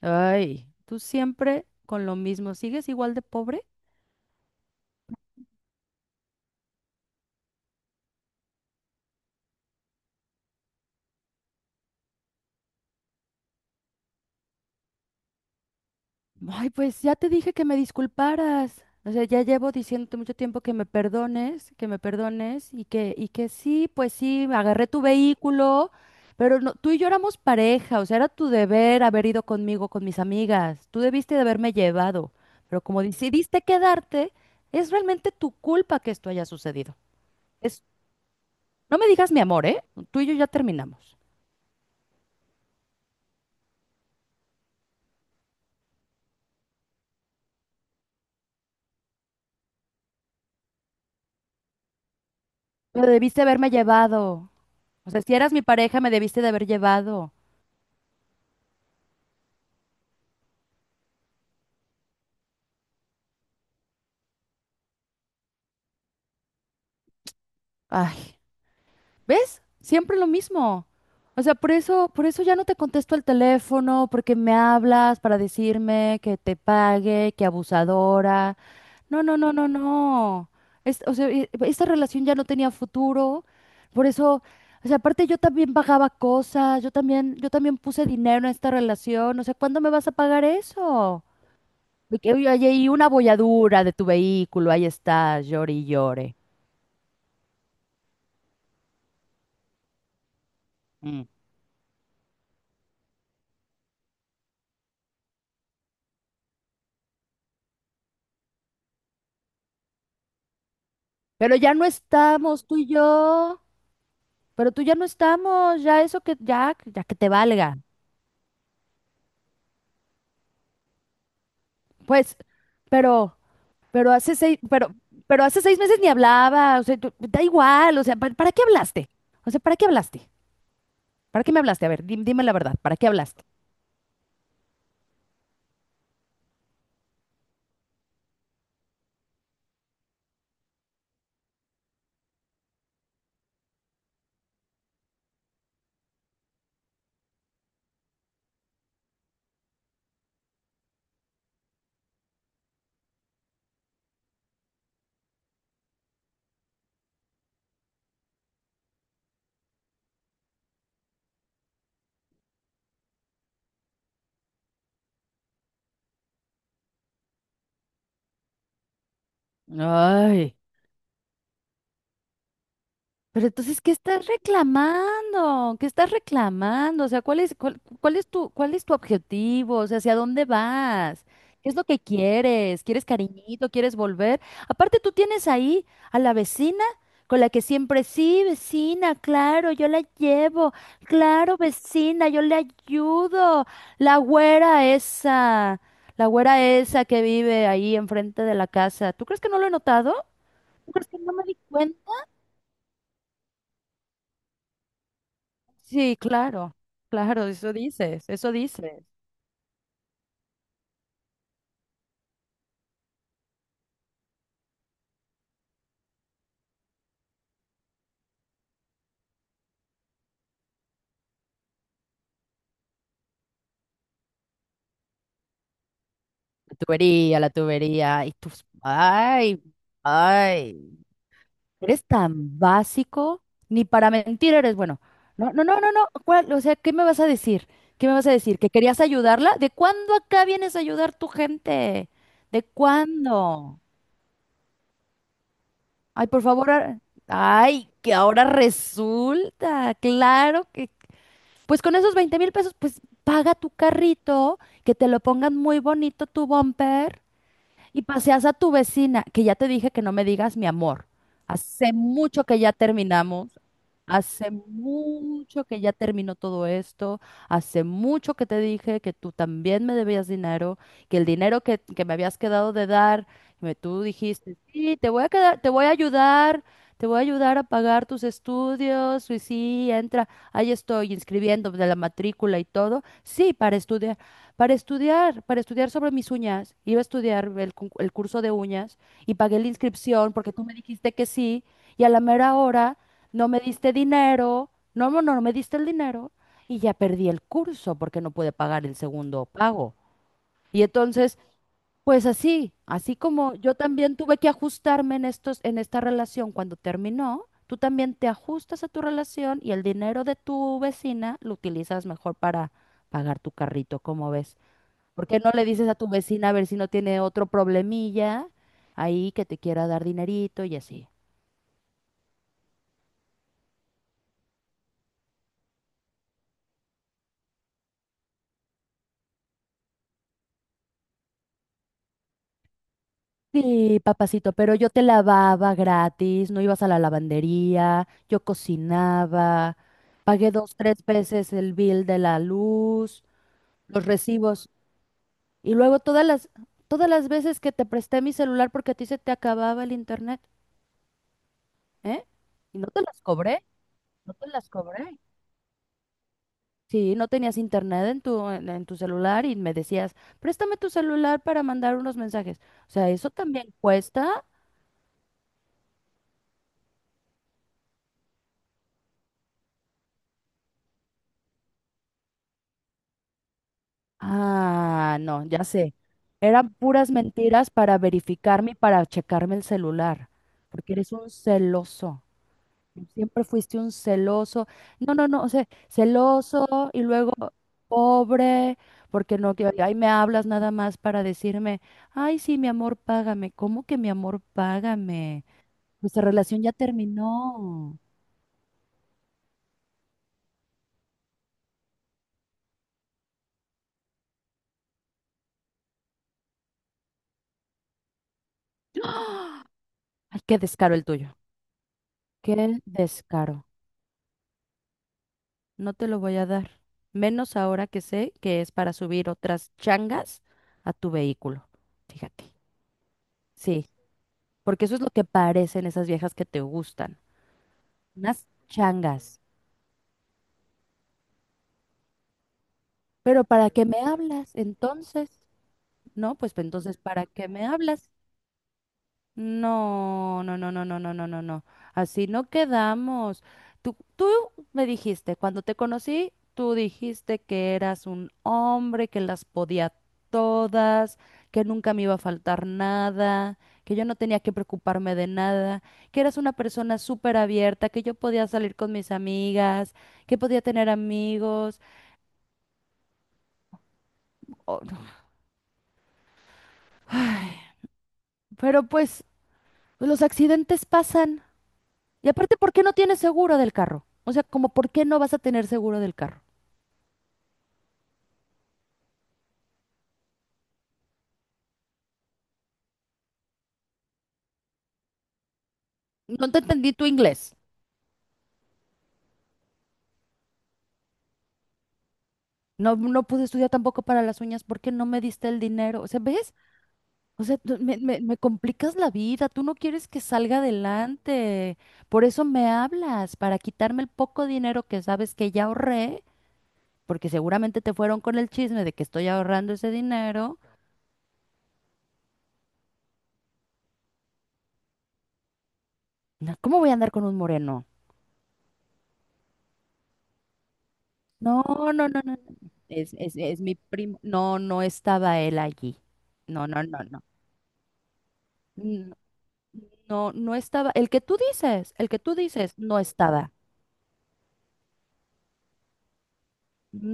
Ay, tú siempre con lo mismo, ¿sigues igual de pobre? Ay, pues ya te dije que me disculparas. O sea, ya llevo diciéndote mucho tiempo que me perdones y que sí, pues sí, agarré tu vehículo, pero no, tú y yo éramos pareja, o sea, era tu deber haber ido conmigo, con mis amigas. Tú debiste de haberme llevado, pero como decidiste quedarte, es realmente tu culpa que esto haya sucedido. Es, no me digas mi amor, ¿eh? Tú y yo ya terminamos. Pero debiste haberme llevado. O sea, si eras mi pareja, me debiste de haber llevado. Ay, ¿ves? Siempre lo mismo. O sea, por eso ya no te contesto el teléfono, porque me hablas para decirme que te pague, que abusadora. No, no, no, no, no. O sea, esta relación ya no tenía futuro. Por eso, o sea, aparte yo también pagaba cosas, yo también puse dinero en esta relación. O sea, ¿cuándo me vas a pagar eso? De que, oye, oye, y una bolladura de tu vehículo, ahí está, llore y llore. Mm. Pero ya no estamos tú y yo, pero tú ya no estamos, ya eso que ya que te valga. Pues, pero pero hace seis, pero pero hace 6 meses ni hablaba, o sea, tú- da igual, o sea, ¿para, qué hablaste? O sea, ¿para qué hablaste? ¿Para qué me hablaste? A ver, dime la verdad, ¿para qué hablaste? Ay. Pero entonces, ¿qué estás reclamando? ¿Qué estás reclamando? O sea, cuál es tu objetivo? O sea, ¿hacia dónde vas? ¿Qué es lo que quieres? ¿Quieres cariñito? ¿Quieres volver? Aparte, tú tienes ahí a la vecina con la que siempre, sí, vecina, claro, yo la llevo, claro, vecina, yo le ayudo. La güera esa, la güera esa que vive ahí enfrente de la casa. ¿Tú crees que no lo he notado? ¿Tú crees que no me di cuenta? Sí, claro, claro, eso dices, eso dices. La tubería, y tus, ay, ay, eres tan básico, ni para mentir eres bueno. No, no, no, no, no, ¿cuál? O sea, ¿qué me vas a decir? ¿Qué me vas a decir? ¿Que querías ayudarla? ¿De cuándo acá vienes a ayudar tu gente? ¿De cuándo? Ay, por favor, ay, que ahora resulta, claro que pues con esos 20,000 pesos, pues paga tu carrito, que te lo pongan muy bonito tu bumper y paseas a tu vecina, que ya te dije que no me digas mi amor. Hace mucho que ya terminamos, hace mucho que ya terminó todo esto, hace mucho que te dije que tú también me debías dinero, que el dinero que me habías quedado de dar, tú dijiste, sí, te voy a quedar, te voy a ayudar. Te voy a ayudar a pagar tus estudios, y sí, entra, ahí estoy inscribiendo de la matrícula y todo. Sí, para estudiar. Para estudiar, para estudiar sobre mis uñas, iba a estudiar el curso de uñas y pagué la inscripción porque tú me dijiste que sí y a la mera hora no me diste dinero, no me diste el dinero y ya perdí el curso porque no pude pagar el segundo pago. Y entonces, pues así, así como yo también tuve que ajustarme en esta relación cuando terminó, tú también te ajustas a tu relación y el dinero de tu vecina lo utilizas mejor para pagar tu carrito, ¿cómo ves? ¿Por qué no le dices a tu vecina a ver si no tiene otro problemilla ahí que te quiera dar dinerito y así? Sí, papacito, pero yo te lavaba gratis, no ibas a la lavandería, yo cocinaba, pagué dos, tres veces el bill de la luz, los recibos, y luego todas las veces que te presté mi celular porque a ti se te acababa el internet, ¿eh? Y no te las cobré, no te las cobré. Sí, no tenías internet en tu celular y me decías, préstame tu celular para mandar unos mensajes. O sea, eso también cuesta. Ah, no, ya sé. Eran puras mentiras para verificarme y para checarme el celular, porque eres un celoso. Siempre fuiste un celoso. No, no, no, o sea, celoso y luego pobre, porque no, que ahí me hablas nada más para decirme, ay, sí, mi amor, págame. ¿Cómo que mi amor, págame? Nuestra relación ya terminó. Ay, qué descaro el tuyo. Qué descaro. No te lo voy a dar. Menos ahora que sé que es para subir otras changas a tu vehículo. Fíjate. Sí, porque eso es lo que parecen esas viejas que te gustan. Unas changas. Pero ¿para qué me hablas entonces? No, pues, entonces, ¿para qué me hablas? No, no, no, no, no, no, no, no, no. Así no quedamos. Tú me dijiste, cuando te conocí, tú dijiste que eras un hombre, que las podía todas, que nunca me iba a faltar nada, que yo no tenía que preocuparme de nada, que eras una persona súper abierta, que yo podía salir con mis amigas, que podía tener amigos. Oh, no. Ay, pero pues los accidentes pasan. Y aparte, ¿por qué no tienes seguro del carro? O sea, como, ¿por qué no vas a tener seguro del carro? No te entendí tu inglés. No, no pude estudiar tampoco para las uñas. ¿Por qué no me diste el dinero? O sea, ¿ves? O sea, me complicas la vida. Tú no quieres que salga adelante. Por eso me hablas, para quitarme el poco dinero que sabes que ya ahorré, porque seguramente te fueron con el chisme de que estoy ahorrando ese dinero. No, ¿cómo voy a andar con un moreno? No, no, no, no, no. Es mi primo. No, no estaba él allí. No, no, no, no. N- No, no estaba. El que tú dices, no estaba.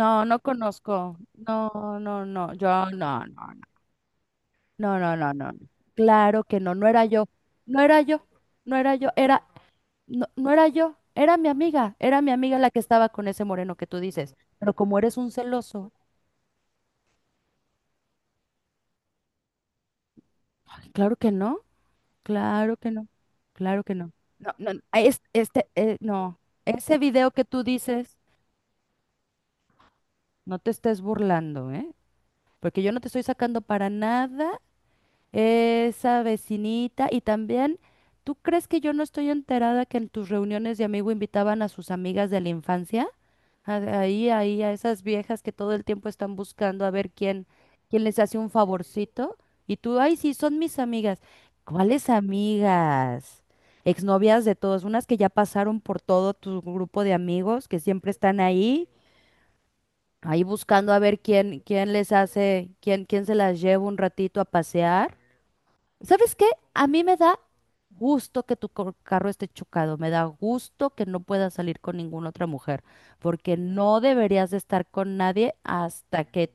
No, no conozco. No, no, no. Yo, no, no, no. No, no, no, no, no. Claro que no, no era yo. No era yo. No era yo. No, no era yo. Era mi amiga. Era mi amiga la que estaba con ese moreno que tú dices. Pero como eres un celoso, claro que no. Claro que no, claro que no. No, no, no, este, no, ese video que tú dices, no te estés burlando, ¿eh? Porque yo no te estoy sacando para nada. Esa vecinita. Y también, ¿tú crees que yo no estoy enterada que en tus reuniones de amigo invitaban a sus amigas de la infancia? Ahí, ahí, a esas viejas que todo el tiempo están buscando a ver quién, quién les hace un favorcito. Y tú, ay, sí, son mis amigas. ¿Cuáles amigas? Exnovias de todos, unas que ya pasaron por todo tu grupo de amigos, que siempre están ahí, ahí buscando a ver quién, quién les hace, quién, quién se las lleva un ratito a pasear. ¿Sabes qué? A mí me da gusto que carro esté chocado, me da gusto que no puedas salir con ninguna otra mujer, porque no deberías de estar con nadie hasta que,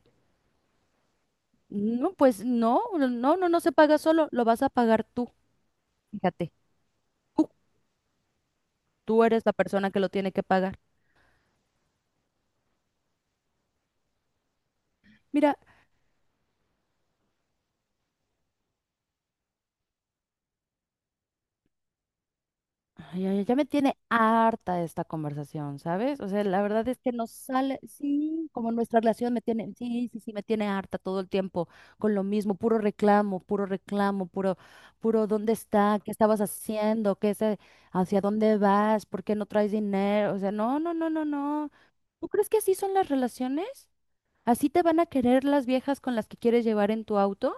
no, pues no, no se paga solo, lo vas a pagar tú, fíjate, tú, tú eres la persona que lo tiene que pagar. Mira, ay, ay, ya me tiene harta esta conversación, ¿sabes? O sea, la verdad es que nos sale, sí, como nuestra relación me tiene, sí, sí, sí, me tiene harta todo el tiempo con lo mismo, puro reclamo, puro reclamo, puro, puro, ¿dónde está? ¿Qué estabas haciendo? ¿Qué es, hacia dónde vas? ¿Por qué no traes dinero? O sea, no, no, no, no, no. ¿Tú crees que así son las relaciones? ¿Así te van a querer las viejas con las que quieres llevar en tu auto?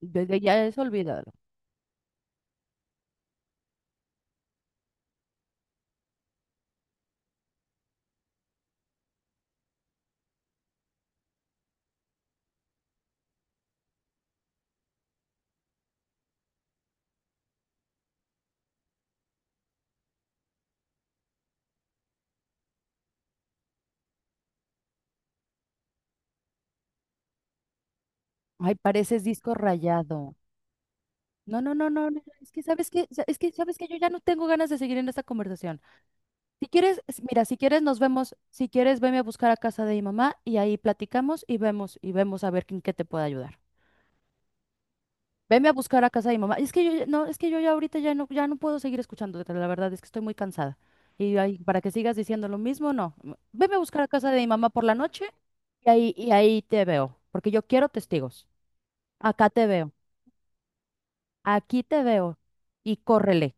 Desde ya eso olvídalo. Ay, pareces disco rayado. No, no, no, no, no, es que sabes que yo ya no tengo ganas de seguir en esta conversación. Si quieres, mira, si quieres nos vemos, si quieres veme a buscar a casa de mi mamá y ahí platicamos y vemos a ver en qué te puedo ayudar. Veme a buscar a casa de mi mamá. Es que no, es que yo ya ahorita ya no puedo seguir escuchándote, la verdad es que estoy muy cansada. Y ahí, para que sigas diciendo lo mismo, no. Veme a buscar a casa de mi mamá por la noche y ahí te veo, porque yo quiero testigos. Acá te veo. Aquí te veo y córrele.